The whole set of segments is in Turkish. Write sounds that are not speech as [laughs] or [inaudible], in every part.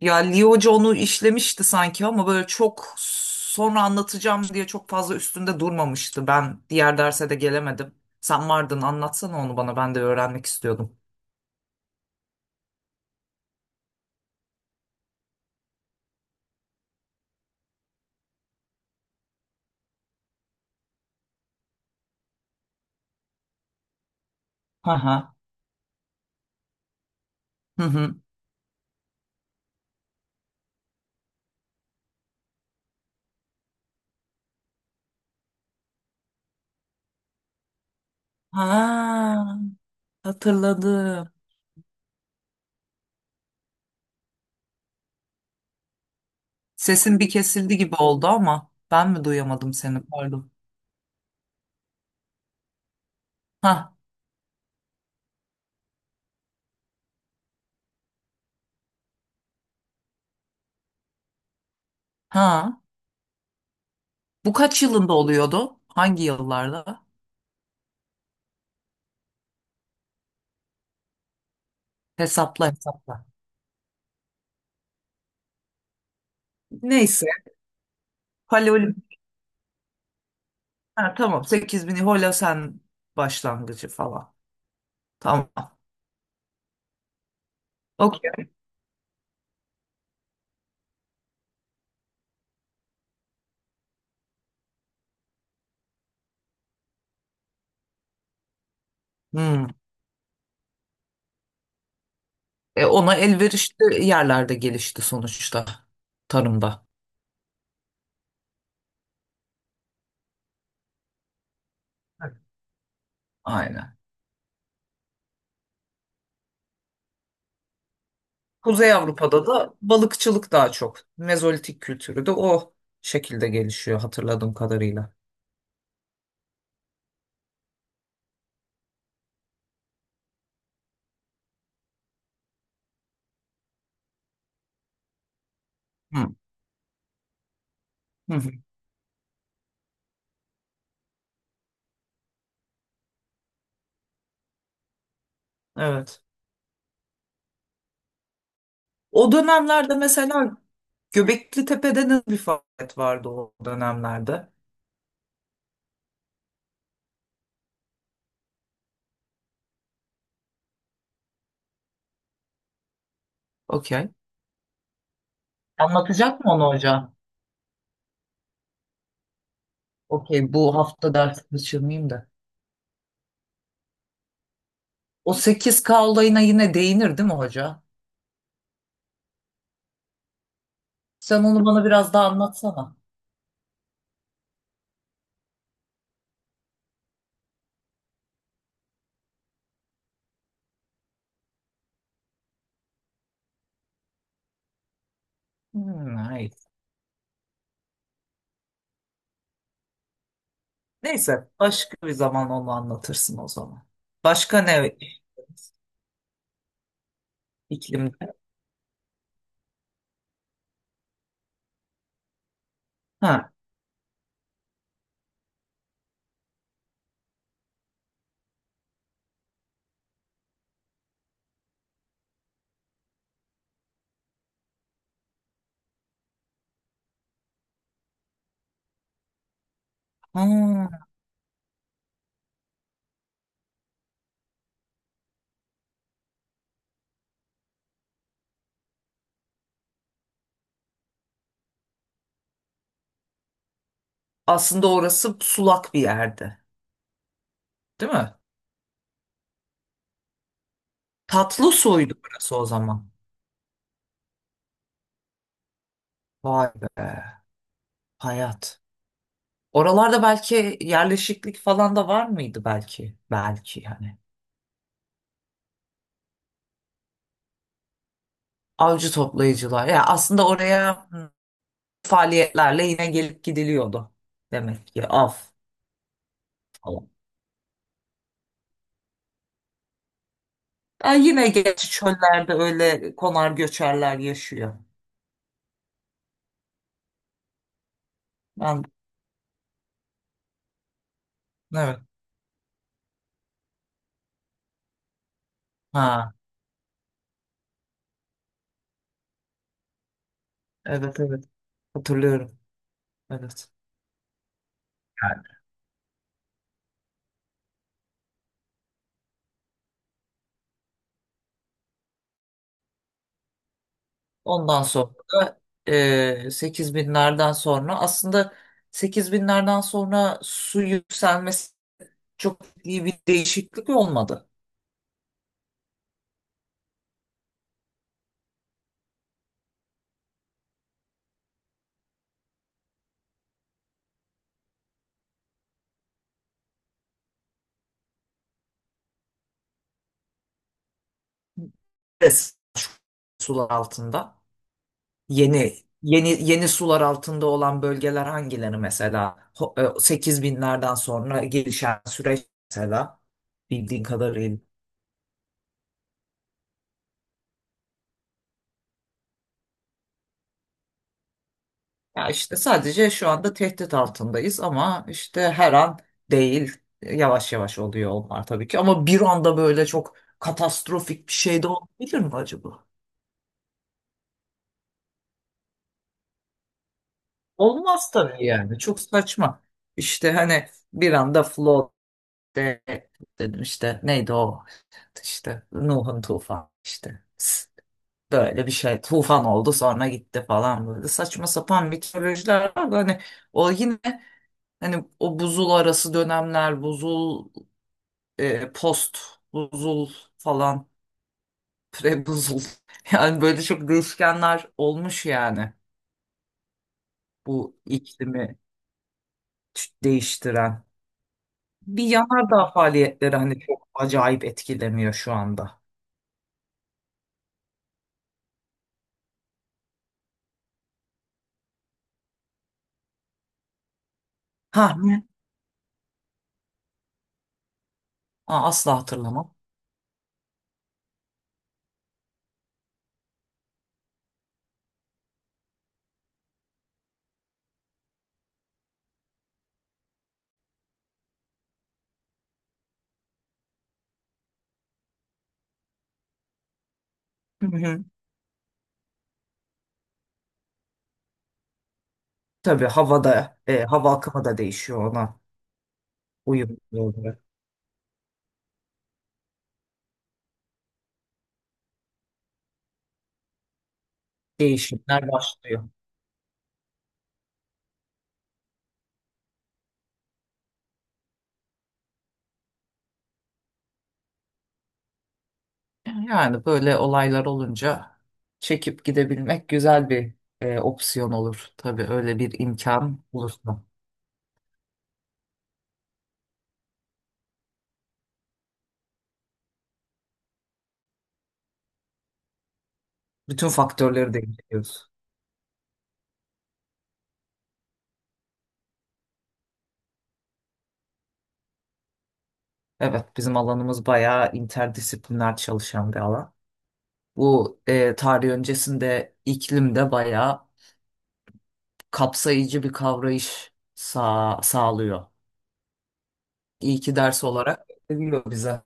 Ya Lee Hoca onu işlemişti sanki ama böyle çok sonra anlatacağım diye çok fazla üstünde durmamıştı. Ben diğer derse de gelemedim. Sen vardın anlatsana onu bana ben de öğrenmek istiyordum. Hı hı. Hı hı. Ha, hatırladım. Sesin bir kesildi gibi oldu ama ben mi duyamadım seni pardon. Ha ha. Bu kaç yılında oluyordu? Hangi yıllarda? Hesapla hesapla. Neyse. Paleolitik. Ha, tamam 8000 Hola sen başlangıcı falan. Tamam. Okey. Hmm. Ona elverişli yerlerde gelişti sonuçta tarımda. Evet. Aynen. Kuzey Avrupa'da da balıkçılık daha çok. Mezolitik kültürü de o şekilde gelişiyor hatırladığım kadarıyla. Hı. Hı hı. Evet. O dönemlerde mesela Göbekli Tepe'de ne bir faaliyet vardı o dönemlerde? Okey. Anlatacak mı onu hocam? Okey, bu hafta ders kaçırmayayım da. O sekiz k olayına yine değinir değil mi hoca? Sen onu bana biraz daha anlatsana. Hmm, hayır. Neyse başka bir zaman onu anlatırsın o zaman. Başka ne iklimde? Ha. hmm, Aslında orası sulak bir yerdi, değil mi? Tatlı suydu orası o zaman. Vay be, hayat. Oralarda belki yerleşiklik falan da var mıydı belki? Belki yani. Avcı toplayıcılar. Ya aslında oraya faaliyetlerle yine gelip gidiliyordu. Demek ki av falan. Ya yine geç çöllerde öyle konar göçerler yaşıyor. Ben, evet. Ha, evet evet. Hatırlıyorum. Evet. Yani, ondan sonra da 8 binlerden sonra aslında 8 binlerden sonra su yükselmesi çok iyi bir değişiklik olmadı. Res- Sular altında. Yeni yeni yeni sular altında olan bölgeler hangileri mesela? 8000'lerden sonra gelişen süreç mesela bildiğin kadarıyla. Ya işte sadece şu anda tehdit altındayız ama işte her an değil. Yavaş yavaş oluyor onlar tabii ki ama bir anda böyle çok katastrofik bir şey de olabilir mi acaba? Olmaz tabii yani. Çok saçma. İşte hani bir anda flood de dedim işte neydi o işte Nuh'un tufanı işte böyle bir şey tufan oldu sonra gitti falan böyle saçma sapan mitolojiler var da hani o yine hani o buzul arası dönemler buzul post buzul falan pre buzul [laughs] yani böyle çok değişkenler olmuş yani bu iklimi değiştiren bir yanardağ faaliyetleri hani çok acayip etkilemiyor şu anda. Ha. Aa, asla hatırlamam. Hı hı. Tabii havada, hava akımı da değişiyor ona. Uyumlu olarak değişimler başlıyor. Yani böyle olaylar olunca çekip gidebilmek güzel bir opsiyon olur. Tabii öyle bir imkan olursa. Bütün faktörleri de inceliyoruz. Evet, bizim alanımız bayağı interdisipliner çalışan bir alan. Bu tarih öncesinde iklim de bayağı kapsayıcı bir kavrayış sağlıyor. İyi ki ders olarak veriliyor bize.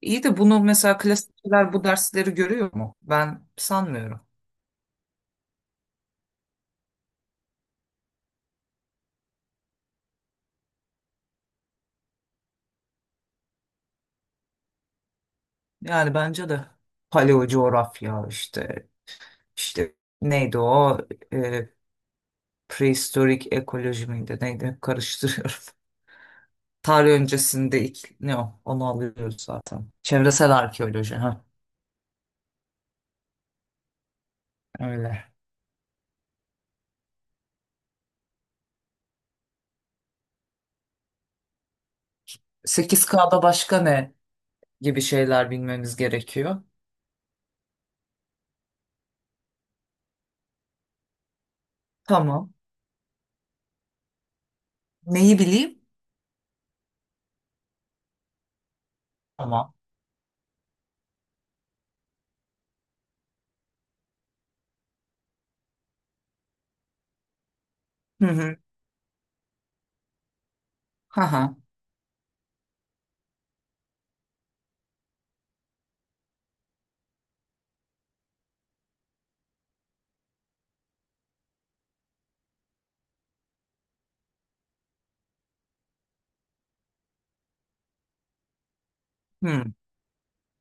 İyi de bunu mesela klasikçiler bu dersleri görüyor mu? Ben sanmıyorum. Yani bence de paleo coğrafya işte neydi o e, prehistorik ekoloji miydi, neydi? Hep karıştırıyorum. [laughs] Tarih öncesinde ilk, ne o onu alıyoruz zaten. Çevresel arkeoloji ha öyle. Sekiz kda başka ne gibi şeyler bilmemiz gerekiyor. Tamam. Neyi bileyim? Tamam. Hı hı. Ha ha. Hı.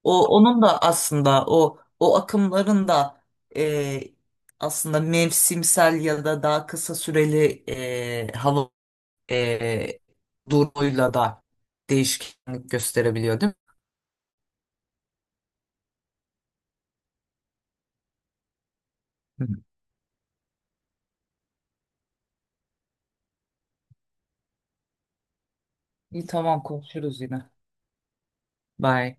O onun da aslında o akımların da e, aslında mevsimsel ya da daha kısa süreli hava e, durumuyla da değişkenlik gösterebiliyor, değil mi? Hı. İyi tamam konuşuruz yine. Bye.